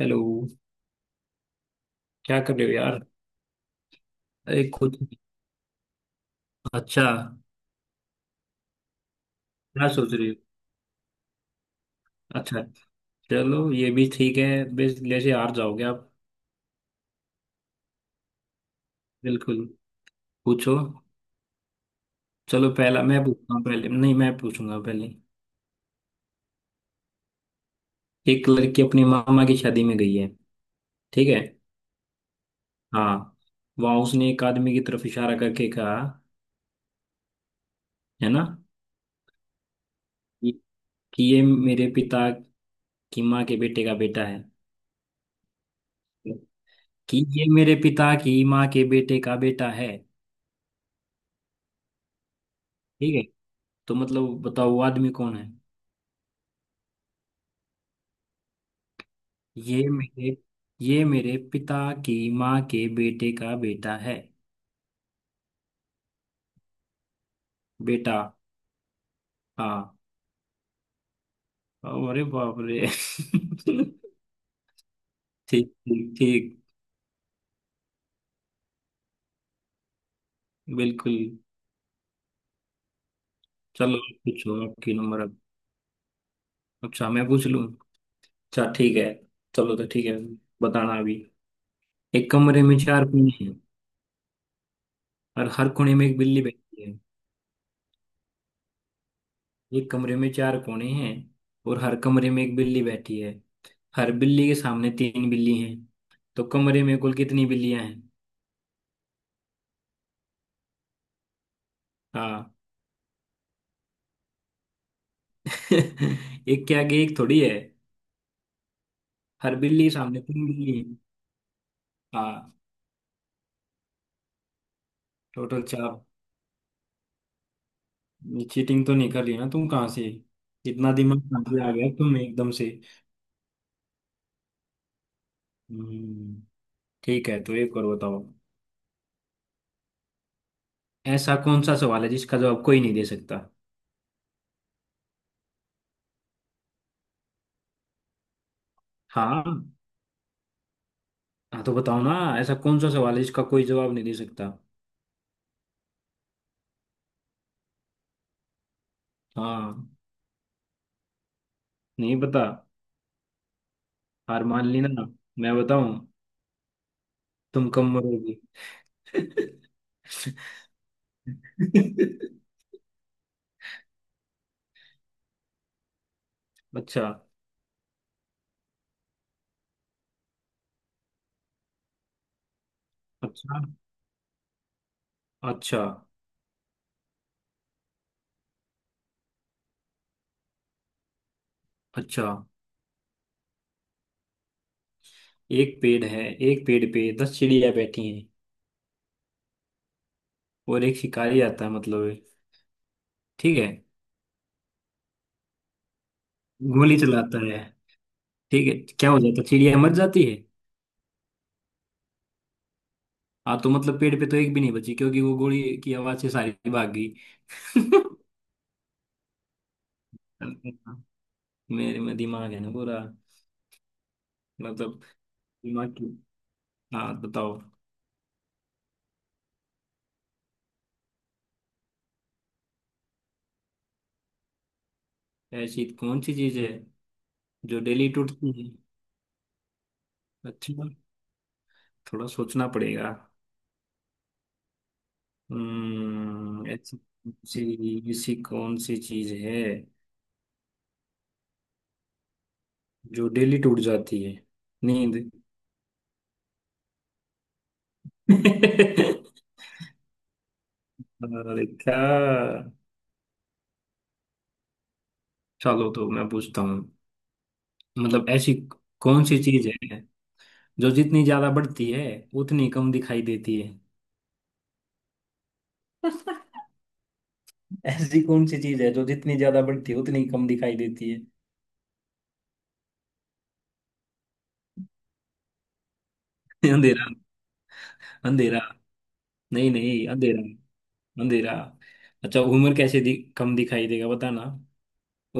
Hello. क्या कर रहे हो यार। एक कुछ। अच्छा। क्या सोच रही हो? अच्छा, चलो ये भी ठीक है। बस जैसे हार जाओगे आप। बिल्कुल। पूछो। चलो पहला मैं पूछता हूँ, पहले नहीं, मैं पूछूंगा पहले। एक लड़की अपनी मामा की शादी में गई है। ठीक है। हाँ। वहाँ उसने एक आदमी की तरफ इशारा करके कहा, है ना, कि कि ये मेरे पिता की माँ के बेटे का बेटा है। कि ये मेरे पिता की माँ के बेटे का बेटा है। ठीक है। तो मतलब बताओ वो आदमी कौन है? ये मेरे ये मेरे पिता की माँ के बेटे का बेटा है। बेटा। हाँ। अरे बाप रे ठीक ठीक ठीक। बिल्कुल। चलो, पूछो, आपकी नंबर अब। अच्छा, मैं पूछ लूँ। अच्छा ठीक है। चलो तो ठीक है। बताना अभी। एक कमरे में चार कोने हैं और हर कोने में एक बिल्ली बैठी है। एक कमरे में चार कोने हैं और हर कमरे में एक बिल्ली बैठी है। हर बिल्ली के सामने तीन बिल्ली हैं। तो कमरे में कुल कितनी बिल्लियां हैं? हाँ। एक के आगे एक थोड़ी है। हर बिल्ली सामने तुम बिल्ली। हाँ। टोटल चार। चीटिंग तो नहीं कर रही ना तुम? कहाँ से इतना दिमाग कहाँ से आ गया तुम एकदम से? हम्म, ठीक है, तो एक और बताओ। ऐसा कौन सा सवाल है जिसका जवाब कोई नहीं दे सकता? हाँ। हाँ तो बताओ ना। ऐसा कौन सा सवाल है जिसका कोई जवाब नहीं दे सकता? हाँ। नहीं पता। हार मान ली ना? मैं बताऊं। तुम कम मरोगी। अच्छा अच्छा अच्छा अच्छा। एक पेड़ है, एक पेड़ पे दस चिड़िया बैठी हैं। और एक शिकारी आता है, मतलब है। ठीक है। गोली चलाता है। ठीक है। क्या हो जाता है? चिड़िया मर जाती है। हाँ तो मतलब पेड़ पे तो एक भी नहीं बची क्योंकि वो गोली की आवाज से सारी भाग गई। मेरे में दिमाग है ना पूरा। मतलब दिमाग की। हाँ बताओ। ऐसी कौन सी चीज है जो डेली टूटती है? अच्छा, थोड़ा सोचना पड़ेगा। ऐसी कौन सी चीज है जो डेली टूट जाती है? नींद। अरे क्या। चलो तो मैं पूछता हूँ। मतलब ऐसी कौन सी चीज है जो जितनी ज्यादा बढ़ती है उतनी कम दिखाई देती है? ऐसी कौन सी चीज है जो जितनी ज्यादा बढ़ती है उतनी कम दिखाई देती है? अंधेरा। अंधेरा। नहीं नहीं, अंधेरा। अंधेरा। अच्छा, उम्र कैसे कम दिखाई देगा? बताना।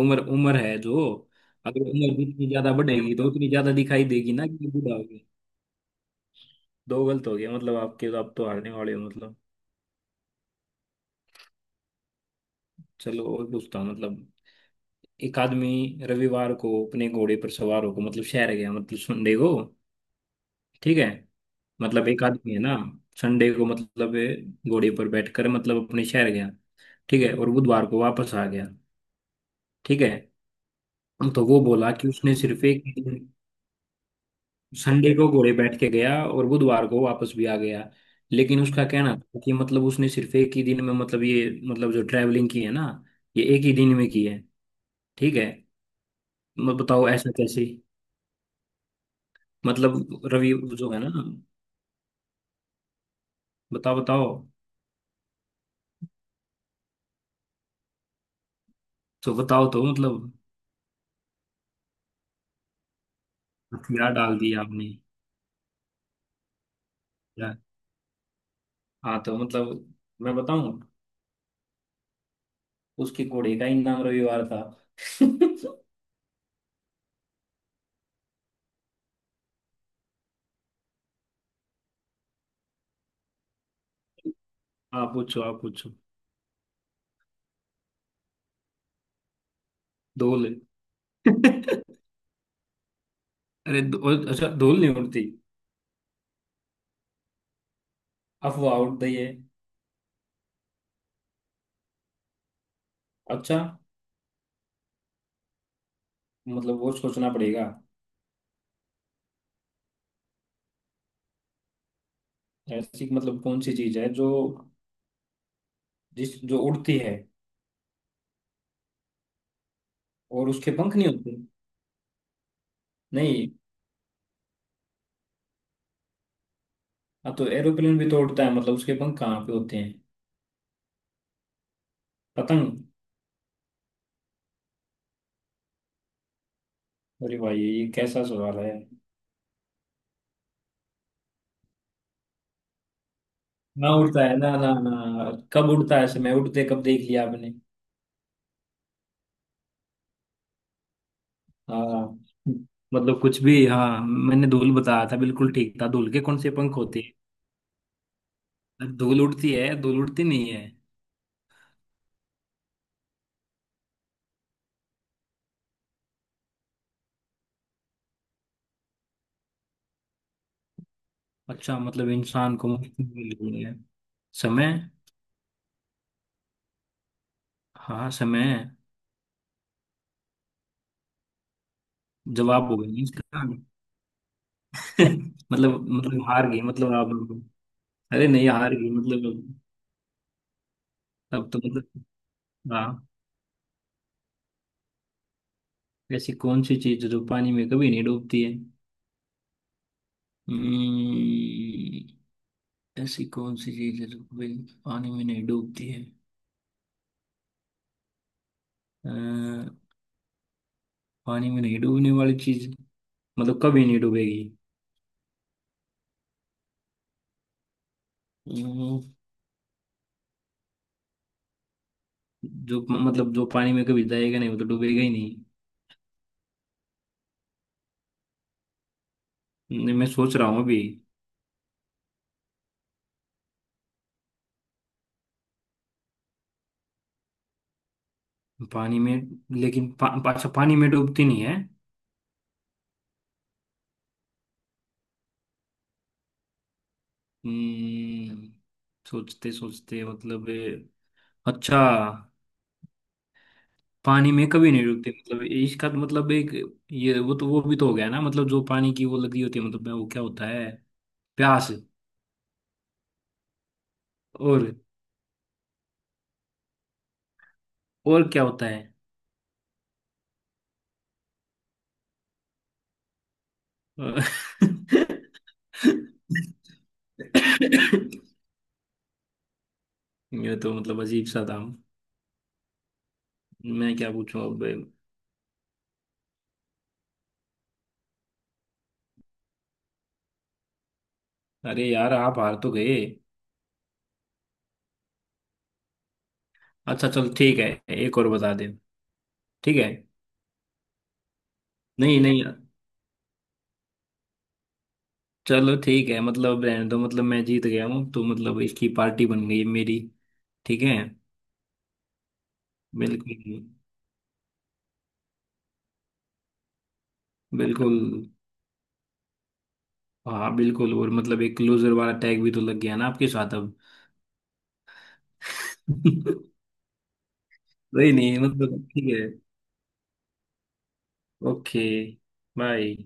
उम्र उम्र है जो। अगर उम्र जितनी ज्यादा बढ़ेगी तो उतनी ज्यादा दिखाई देगी ना कि बूढ़ा हो। दो गलत हो गया मतलब आपके, तो आप तो हारने वाले हो मतलब। चलो और पूछता हूँ। मतलब एक आदमी रविवार को अपने घोड़े पर सवार होकर मतलब शहर गया, मतलब संडे को। ठीक है। मतलब एक आदमी है ना, संडे को मतलब घोड़े पर बैठकर मतलब अपने शहर गया। ठीक है, और बुधवार को वापस आ गया। ठीक है। तो वो बोला कि उसने सिर्फ एक दिन। संडे को घोड़े बैठ के गया और बुधवार को वापस भी आ गया। लेकिन उसका कहना था कि मतलब उसने सिर्फ एक ही दिन में मतलब ये, मतलब जो ट्रैवलिंग की है ना, ये एक ही दिन में की है। ठीक है। मैं बताओ ऐसा कैसे? मतलब रवि जो है ना। बताओ बताओ। तो बताओ, तो मतलब हथियार डाल दिया आपने। क्या- हाँ तो मतलब मैं बताऊं। उसके घोड़े का ही नाम रविवार था। आप पूछो आप पूछो। धूल। अरे धूल- अच्छा धूल नहीं उड़ती? अफवाह उड़ रही है। अच्छा, मतलब वो सोचना पड़ेगा। ऐसी मतलब कौन सी चीज है जो जिस जो उड़ती है और उसके पंख नहीं होते? नहीं। हाँ तो एरोप्लेन भी तो उड़ता है, मतलब उसके पंख कहाँ पे होते हैं? पतंग। अरे भाई ये कैसा सवाल है? ना उड़ता है, ना ना ना कब उड़ता है समय? उड़ते कब देख लिया आपने? हाँ। मतलब कुछ भी। हाँ मैंने धूल बताया था, बिल्कुल ठीक था। धूल के कौन से पंख होते हैं? धूल उड़ती है, धूल उड़ती नहीं है? अच्छा, मतलब इंसान को मुफ्त में मिल गई है। समय। हाँ समय। जवाब हो गया नहीं इसका। मतलब मतलब हार गई मतलब आप। अरे नहीं, हार गई मतलब। अब तो मतलब। हाँ। ऐसी कौन सी चीज जो पानी में कभी नहीं डूबती है? हम्म, ऐसी कौन सी चीज है जो कभी पानी में नहीं डूबती है? अ, पानी में नहीं डूबने वाली चीज मतलब कभी नहीं डूबेगी। हम्म, जो मतलब जो पानी में कभी जाएगा नहीं वो तो डूबेगा ही नहीं। नहीं, मैं सोच रहा हूँ अभी। पानी में, लेकिन अच्छा पानी में डूबती नहीं है। हम्म, सोचते सोचते मतलब अच्छा। पानी में कभी नहीं डूबते मतलब, इसका तो मतलब एक। ये वो तो वो भी तो हो गया ना, मतलब जो पानी की वो लगी होती है, मतलब वो क्या होता है? प्यास। और और क्या होता है? ये तो मतलब अजीब सा था। मैं क्या पूछूं अब? अरे यार, आप हार तो गए। अच्छा चल ठीक है, एक और बता दे। ठीक है। नहीं नहीं। चलो ठीक है, मतलब रहने दो, मतलब मैं जीत गया हूँ तो मतलब इसकी पार्टी बन गई मेरी। ठीक है। बिल्कुल बिल्कुल। हाँ बिल्कुल। और मतलब एक क्लोजर वाला टैग भी तो लग गया ना आपके साथ अब। नहीं नहीं, मतलब ठीक है। ओके। बाय।